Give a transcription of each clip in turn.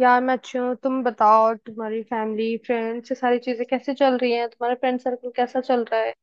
यार मैं अच्छी हूँ। तुम बताओ, तुम्हारी फैमिली, फ्रेंड्स, ये सारी चीजें कैसे चल रही हैं? तुम्हारा फ्रेंड सर्कल कैसा चल रहा है?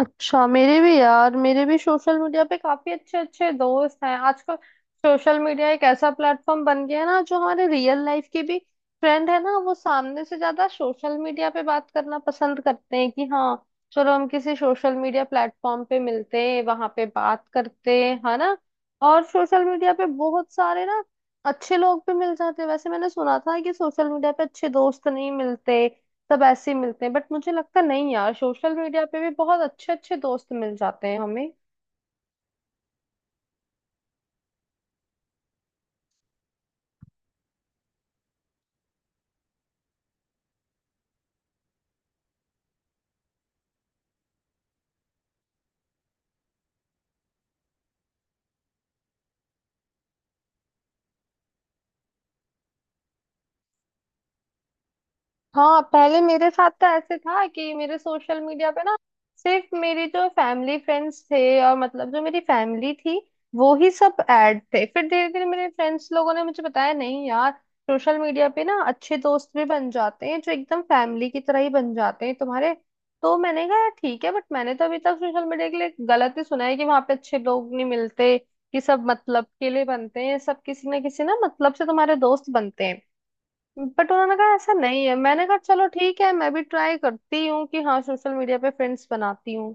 अच्छा, मेरे भी यार, मेरे भी सोशल मीडिया पे काफी अच्छे अच्छे दोस्त हैं आजकल। सोशल मीडिया एक ऐसा प्लेटफॉर्म बन गया है ना जो हमारे रियल लाइफ के भी फ्रेंड है ना, वो सामने से ज्यादा सोशल मीडिया पे बात करना पसंद करते हैं कि हाँ, चलो हम किसी सोशल मीडिया प्लेटफॉर्म पे मिलते हैं, वहां पे बात करते हैं, है ना। और सोशल मीडिया पे बहुत सारे ना अच्छे लोग भी मिल जाते हैं। वैसे मैंने सुना था कि सोशल मीडिया पे अच्छे दोस्त नहीं मिलते, सब ऐसे ही मिलते हैं, बट मुझे लगता नहीं यार, सोशल मीडिया पे भी बहुत अच्छे अच्छे दोस्त मिल जाते हैं हमें। हाँ, पहले मेरे साथ तो ऐसे था कि मेरे सोशल मीडिया पे ना सिर्फ मेरी जो फैमिली फ्रेंड्स थे और मतलब जो मेरी फैमिली थी, वो ही सब ऐड थे। फिर धीरे धीरे मेरे फ्रेंड्स लोगों ने मुझे बताया, नहीं यार, सोशल मीडिया पे ना अच्छे दोस्त भी बन जाते हैं जो एकदम फैमिली की तरह ही बन जाते हैं तुम्हारे। तो मैंने कहा "यार, ठीक है, बट मैंने तो अभी तक सोशल मीडिया के लिए गलत ही सुना है कि वहां पे अच्छे लोग नहीं मिलते, कि सब मतलब के लिए बनते हैं, सब किसी ना मतलब से तुम्हारे दोस्त बनते हैं।" बट उन्होंने कहा ऐसा नहीं है। मैंने कहा चलो ठीक है, मैं भी ट्राई करती हूँ कि हाँ सोशल मीडिया पे फ्रेंड्स बनाती हूँ।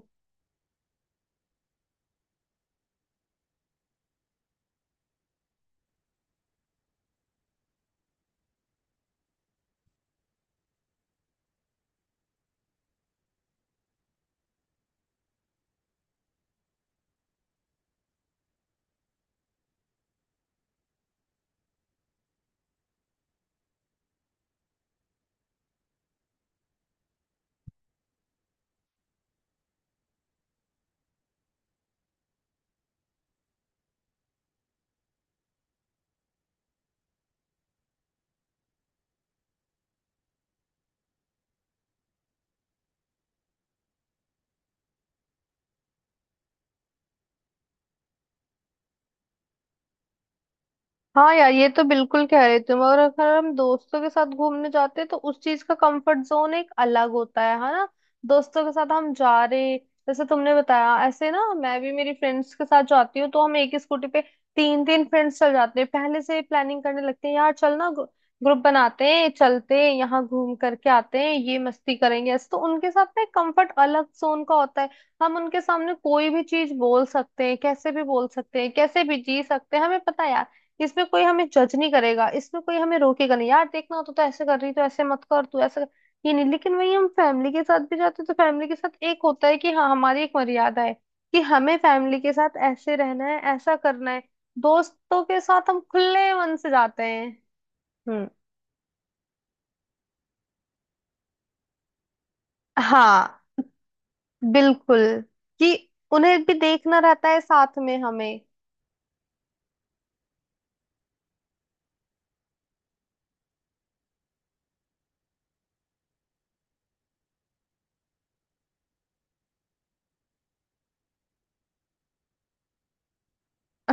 हाँ यार, ये तो बिल्कुल कह रहे तुम। और अगर हम दोस्तों के साथ घूमने जाते हैं तो उस चीज का कंफर्ट जोन एक अलग होता है ना। दोस्तों के साथ हम जा रहे जैसे तुमने बताया, ऐसे ना मैं भी मेरी फ्रेंड्स के साथ जाती हूँ तो हम एक ही स्कूटी पे तीन तीन फ्रेंड्स चल जाते हैं, पहले से प्लानिंग करने लगते हैं यार चल ना, ग्रुप बनाते हैं चलते हैं, यहाँ घूम करके आते हैं ये मस्ती करेंगे, ऐसे तो उनके साथ ना एक कंफर्ट अलग जोन का होता है। हम उनके सामने कोई भी चीज बोल सकते हैं, कैसे भी बोल सकते हैं, कैसे भी जी सकते हैं। हमें पता है यार इसमें कोई हमें जज नहीं करेगा, इसमें कोई हमें रोकेगा नहीं यार, देखना तो ऐसे कर रही तो ऐसे मत कर, तू ऐसे कर, ये नहीं। लेकिन वही हम फैमिली के साथ भी जाते हैं, तो फैमिली के साथ एक होता है कि हाँ हमारी एक मर्यादा है, कि हमें फैमिली के साथ ऐसे रहना है, ऐसा करना है। दोस्तों के साथ हम खुले मन से जाते हैं। हम्म। हाँ, बिल्कुल। कि उन्हें भी देखना रहता है साथ में हमें।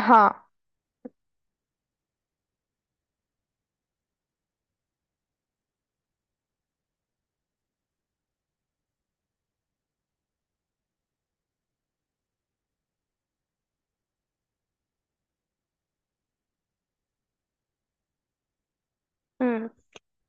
हाँ। हम्म।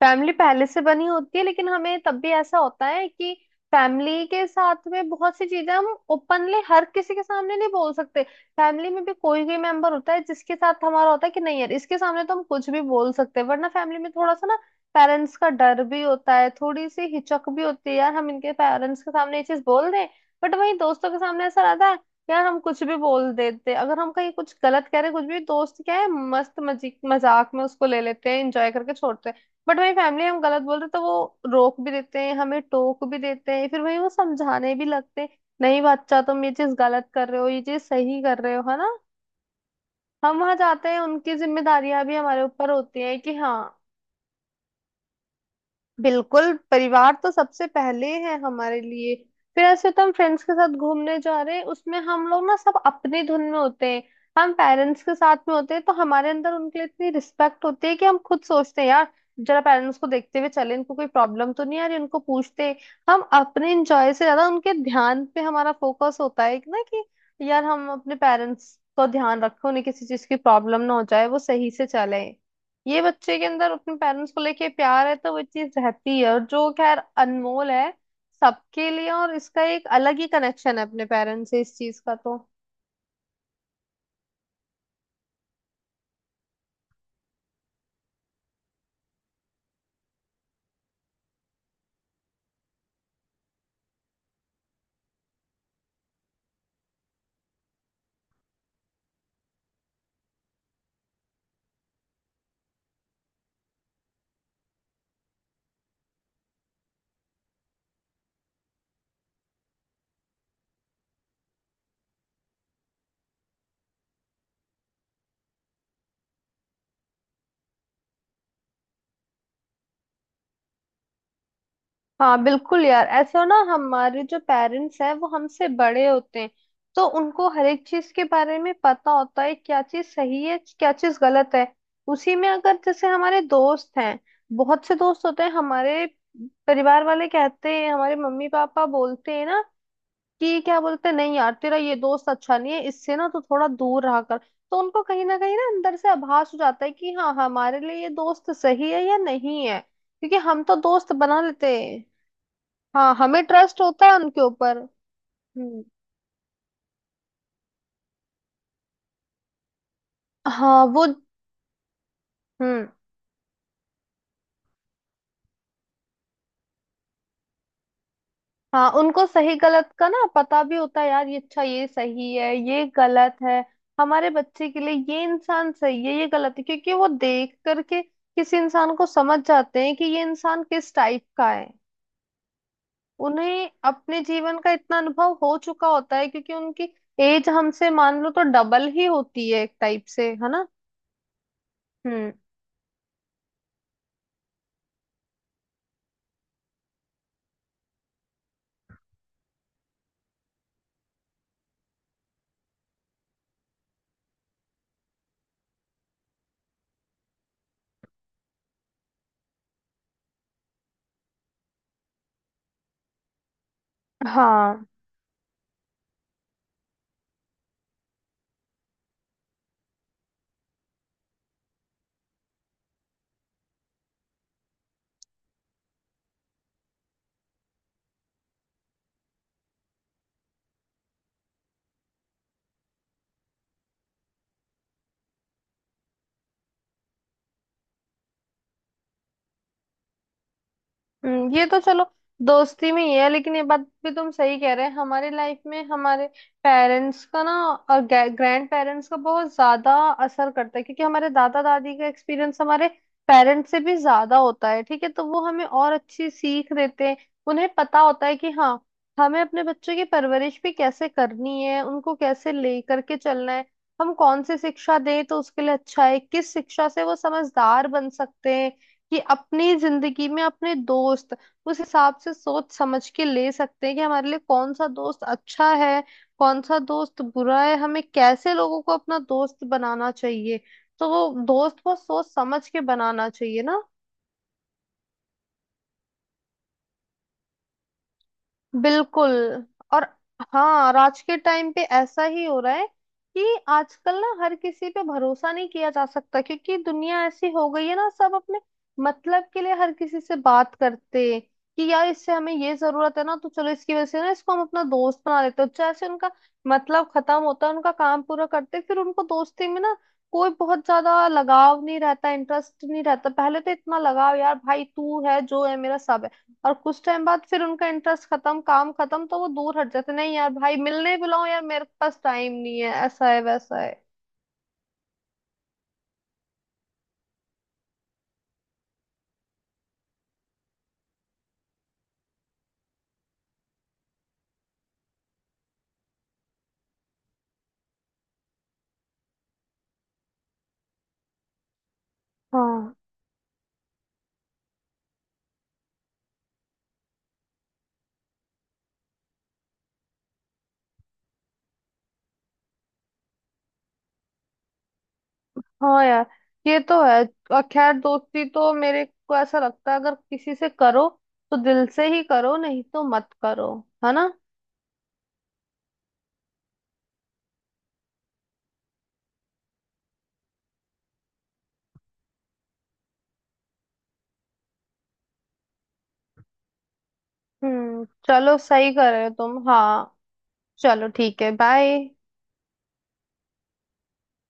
फैमिली पहले से बनी होती है लेकिन हमें तब भी ऐसा होता है कि फैमिली के साथ में बहुत सी चीजें हम ओपनली हर किसी के सामने नहीं बोल सकते। फैमिली में भी कोई कोई मेंबर होता है जिसके साथ हमारा होता है कि नहीं यार, इसके सामने तो हम कुछ भी बोल सकते हैं, वरना फैमिली में थोड़ा सा ना पेरेंट्स का डर भी होता है, थोड़ी सी हिचक भी होती है यार, हम इनके पेरेंट्स के सामने ये चीज बोल दें। बट वहीं दोस्तों के सामने ऐसा रहता है, यार हम कुछ भी बोल देते हैं। अगर हम कहीं कुछ गलत कह रहे हैं, कुछ भी, दोस्त क्या है, मस्त मजी मजाक में उसको ले लेते हैं, एंजॉय करके छोड़ते हैं। बट वही फैमिली हम गलत बोलते तो वो रोक भी देते हैं, हमें टोक भी देते हैं, फिर वही वो समझाने भी लगते हैं, नहीं बच्चा तुम ये चीज गलत कर रहे हो, ये चीज सही कर रहे हो, है ना। हम वहां जाते हैं, उनकी जिम्मेदारियां भी हमारे ऊपर होती है कि हाँ। बिल्कुल, परिवार तो सबसे पहले है हमारे लिए। फिर ऐसे तो हम फ्रेंड्स के साथ घूमने जा रहे हैं, उसमें हम लोग ना सब अपनी धुन में होते हैं। हम पेरेंट्स के साथ में होते हैं तो हमारे अंदर उनके लिए इतनी रिस्पेक्ट होती है कि हम खुद सोचते हैं यार, जरा पेरेंट्स को देखते हुए चले, इनको कोई प्रॉब्लम तो नहीं आ रही, उनको पूछते हैं। हम अपने इंजॉय से ज्यादा उनके ध्यान पे हमारा फोकस होता है कि ना कि यार हम अपने पेरेंट्स को ध्यान रखें, उन्हें किसी चीज की प्रॉब्लम ना हो जाए, वो सही से चले। ये बच्चे के अंदर अपने पेरेंट्स को लेके प्यार है तो वो चीज रहती है और जो खैर अनमोल है सबके लिए, और इसका एक अलग ही कनेक्शन है अपने पेरेंट्स से इस चीज का तो। हाँ बिल्कुल यार, ऐसा ना हमारे जो पेरेंट्स हैं वो हमसे बड़े होते हैं, तो उनको हर एक चीज के बारे में पता होता है क्या चीज सही है क्या चीज गलत है। उसी में अगर जैसे हमारे दोस्त हैं, बहुत से दोस्त होते हैं हमारे, परिवार वाले कहते हैं, हमारे मम्मी पापा बोलते हैं ना, कि क्या बोलते हैं, नहीं यार तेरा ये दोस्त अच्छा नहीं है, इससे ना तू थोड़ा दूर रहा कर। तो उनको कहीं ना अंदर से आभास हो जाता है कि हाँ हमारे लिए ये दोस्त सही है या नहीं है, क्योंकि हम तो दोस्त बना लेते हैं। हाँ, हमें ट्रस्ट होता है उनके ऊपर। हम्म। हाँ। वो। हम्म। हाँ, उनको सही गलत का ना पता भी होता है यार, ये अच्छा ये सही है ये गलत है, हमारे बच्चे के लिए ये इंसान सही है ये गलत है, क्योंकि वो देख करके किसी इंसान को समझ जाते हैं कि ये इंसान किस टाइप का है। उन्हें अपने जीवन का इतना अनुभव हो चुका होता है क्योंकि उनकी एज हमसे मान लो तो डबल ही होती है एक टाइप से, है ना। हम्म। हाँ। ये तो चलो दोस्ती में ही है, लेकिन ये बात भी तुम सही कह रहे हैं। हमारे लाइफ में हमारे पेरेंट्स का ना और ग्रैंड पेरेंट्स का बहुत ज्यादा असर करता है, क्योंकि हमारे दादा दादी का एक्सपीरियंस हमारे पेरेंट्स से भी ज्यादा होता है, ठीक है, तो वो हमें और अच्छी सीख देते हैं। उन्हें पता होता है कि हाँ हमें अपने बच्चों की परवरिश भी कैसे करनी है, उनको कैसे ले करके चलना है, हम कौन सी शिक्षा दें तो उसके लिए अच्छा है, किस शिक्षा से वो समझदार बन सकते हैं, कि अपनी जिंदगी में अपने दोस्त उस हिसाब से सोच समझ के ले सकते हैं कि हमारे लिए कौन सा दोस्त अच्छा है, कौन सा दोस्त बुरा है, हमें कैसे लोगों को अपना दोस्त बनाना चाहिए। तो वो दोस्त को सोच समझ के बनाना चाहिए ना। बिल्कुल। और हाँ, और आज के टाइम पे ऐसा ही हो रहा है कि आजकल ना हर किसी पे भरोसा नहीं किया जा सकता, क्योंकि दुनिया ऐसी हो गई है ना, सब अपने मतलब के लिए हर किसी से बात करते हैं, कि यार इससे हमें ये जरूरत है ना तो चलो इसकी वजह से ना इसको हम अपना दोस्त बना लेते हैं, जैसे उनका मतलब खत्म होता है, उनका काम पूरा करते फिर उनको दोस्ती में ना कोई बहुत ज्यादा लगाव नहीं रहता, इंटरेस्ट नहीं रहता। पहले तो इतना लगाव यार, भाई तू है जो है मेरा सब है, और कुछ टाइम बाद फिर उनका इंटरेस्ट खत्म काम खत्म तो वो दूर हट जाते, नहीं यार भाई मिलने बुलाओ यार मेरे पास टाइम नहीं है, ऐसा है वैसा है। हाँ हाँ यार, ये तो है। और खैर दोस्ती तो मेरे को ऐसा लगता है अगर किसी से करो तो दिल से ही करो, नहीं तो मत करो, है ना। हम्म, चलो सही कर रहे हो तुम। हाँ, चलो ठीक है, बाय।